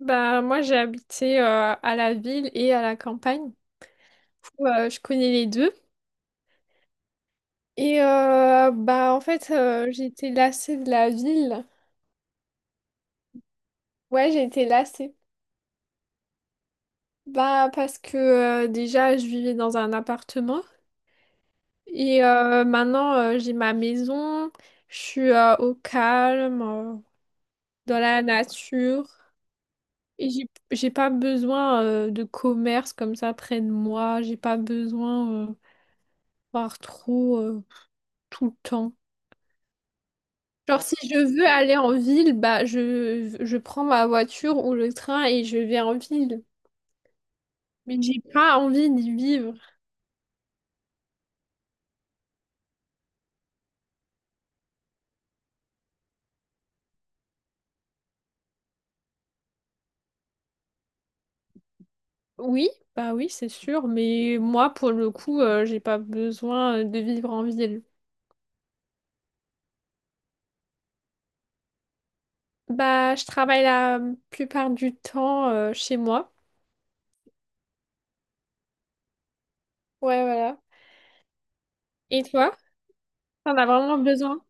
Bah, moi, j'ai habité à la ville et à la campagne. Je connais les deux. J'ai été lassée de la ville. Ouais, j'ai été lassée. Bah, parce que déjà, je vivais dans un appartement. J'ai ma maison. Je suis au calme, dans la nature. Et j'ai pas besoin de commerce comme ça près de moi. J'ai pas besoin voir trop tout le temps. Genre, si je veux aller en ville, bah, je prends ma voiture ou le train et je vais en ville. Mais j'ai pas envie d'y vivre. Oui, bah oui, c'est sûr, mais moi, pour le coup, j'ai pas besoin de vivre en ville. Bah, je travaille la plupart du temps, chez moi. Ouais, voilà. Et toi? T'en as vraiment besoin?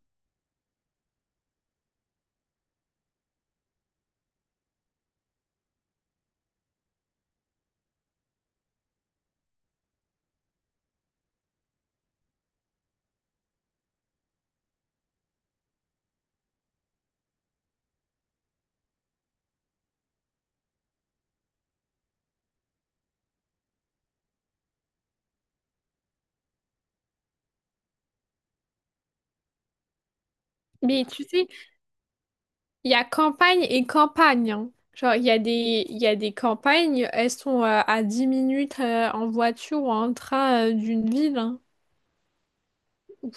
Mais tu sais, il y a campagne et campagne, hein. Genre, il y a il y a des campagnes, elles sont à 10 minutes en voiture ou en train d'une ville, hein.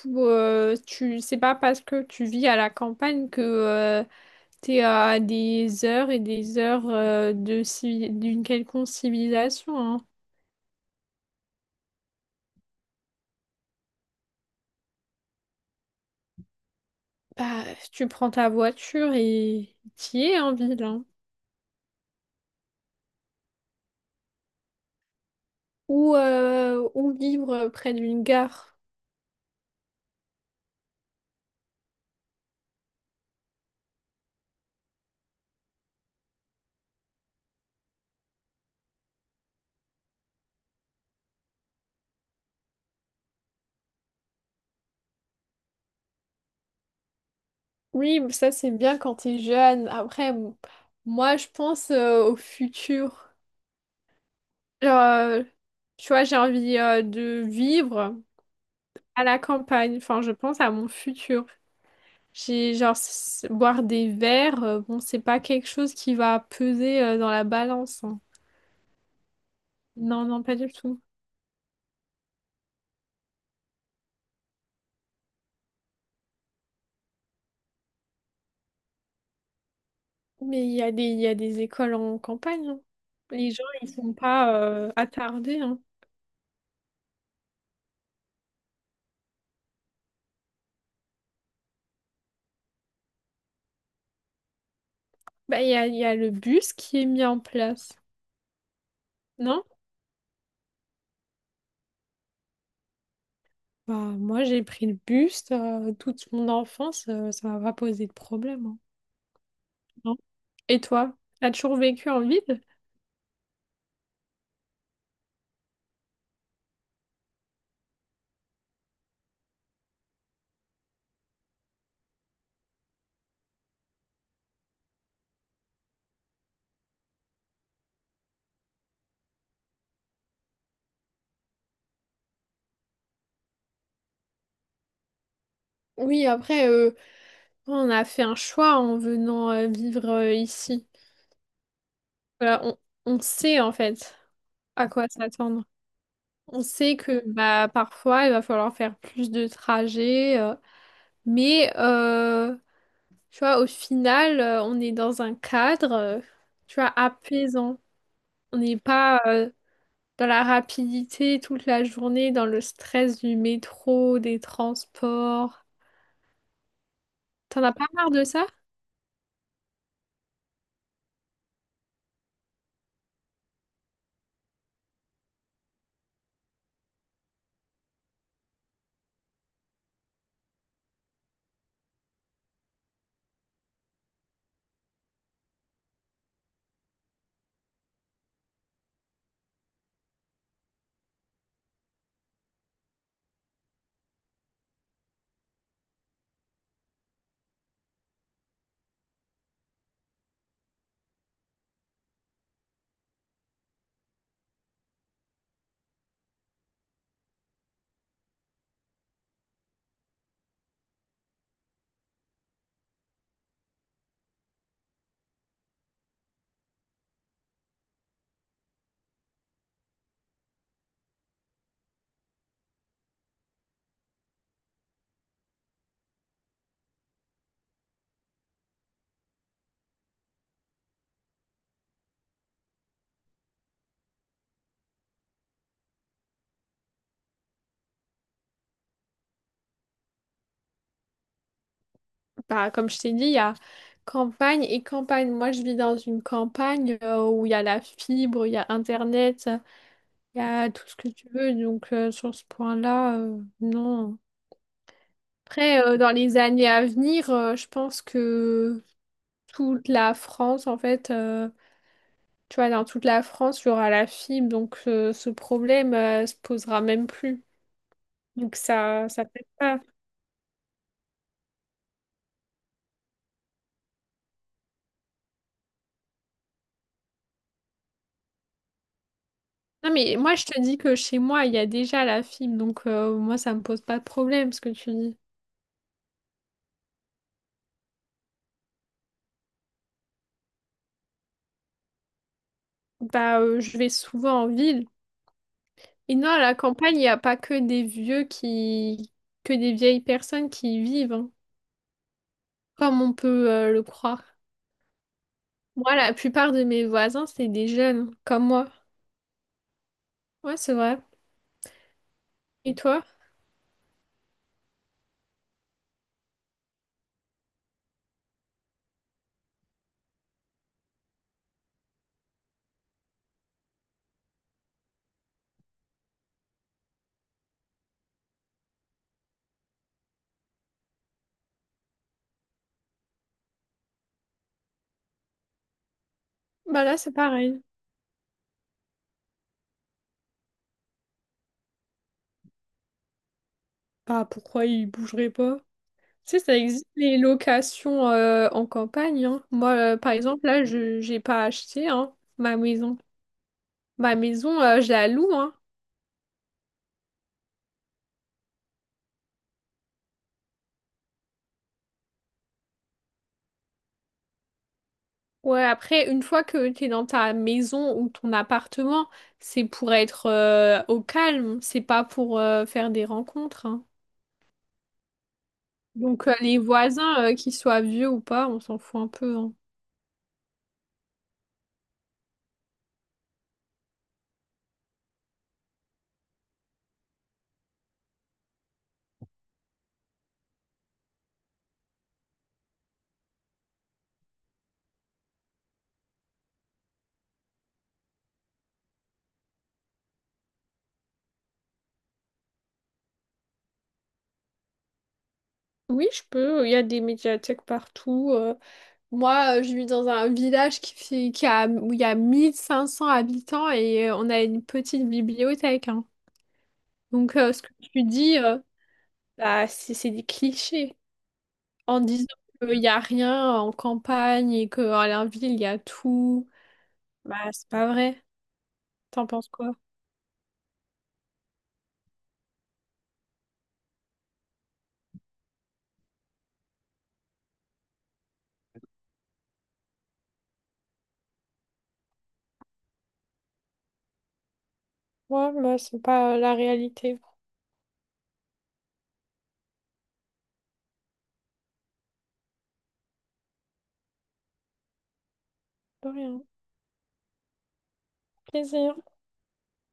C'est pas parce que tu vis à la campagne que t'es à des heures et des heures de d'une quelconque civilisation, hein. Bah, tu prends ta voiture et t'y es en ville, hein. Ou vivre près d'une gare. Oui, ça c'est bien quand t'es jeune. Après, moi je pense au futur. Genre, euh, tu vois, j'ai envie de vivre à la campagne. Enfin, je pense à mon futur. J'ai boire des verres. Bon, c'est pas quelque chose qui va peser dans la balance, hein. Non, non, pas du tout. Mais il y a il y a des écoles en campagne, hein. Les gens, ils sont pas attardés, hein. Bah, il y a le bus qui est mis en place. Non? Bah, moi, j'ai pris le bus toute mon enfance, ça m'a pas posé de problème, hein. Non. Et toi, t'as toujours vécu en ville? Oui, on a fait un choix en venant vivre ici. Voilà, on sait en fait à quoi s'attendre. On sait que bah, parfois il va falloir faire plus de trajets, mais tu vois, au final, on est dans un cadre, tu vois, apaisant. On n'est pas dans la rapidité toute la journée, dans le stress du métro, des transports. T'en as pas marre de ça? Bah, comme je t'ai dit, il y a campagne et campagne. Moi, je vis dans une campagne où il y a la fibre, il y a Internet, il y a tout ce que tu veux. Donc, sur ce point-là, non. Après, dans les années à venir, je pense que toute la France, en fait, tu vois, dans toute la France, il y aura la fibre, donc ce problème, se posera même plus. Donc ça peut pas. Non mais moi je te dis que chez moi il y a déjà la fibre, donc moi ça me pose pas de problème ce que tu dis. Bah, je vais souvent en ville. Et non, à la campagne, il n'y a pas que que des vieilles personnes qui y vivent, hein, comme on peut le croire. Moi, la plupart de mes voisins, c'est des jeunes, comme moi. Ouais, c'est vrai. Et toi? Bah là, c'est pareil. Bah pourquoi ils bougeraient pas? Tu sais, ça existe les locations en campagne, hein. Moi, par exemple, là, je j'ai pas acheté, hein, ma maison. Ma maison, je la loue, hein. Ouais, après, une fois que t'es dans ta maison ou ton appartement, c'est pour être au calme. C'est pas pour faire des rencontres, hein. Donc, les voisins, qu'ils soient vieux ou pas, on s'en fout un peu, hein. Oui, je peux. Il y a des médiathèques partout. Moi, je vis dans un village qui fait, qui a, où il y a 1 500 habitants et on a une petite bibliothèque, hein. Donc, ce que tu dis, bah, c'est des clichés. En disant qu'il n'y a rien en campagne et qu'à la ville, il y a tout, bah, c'est pas vrai. T'en penses quoi? Moi, moi, c'est pas la réalité. De rien. Plaisir.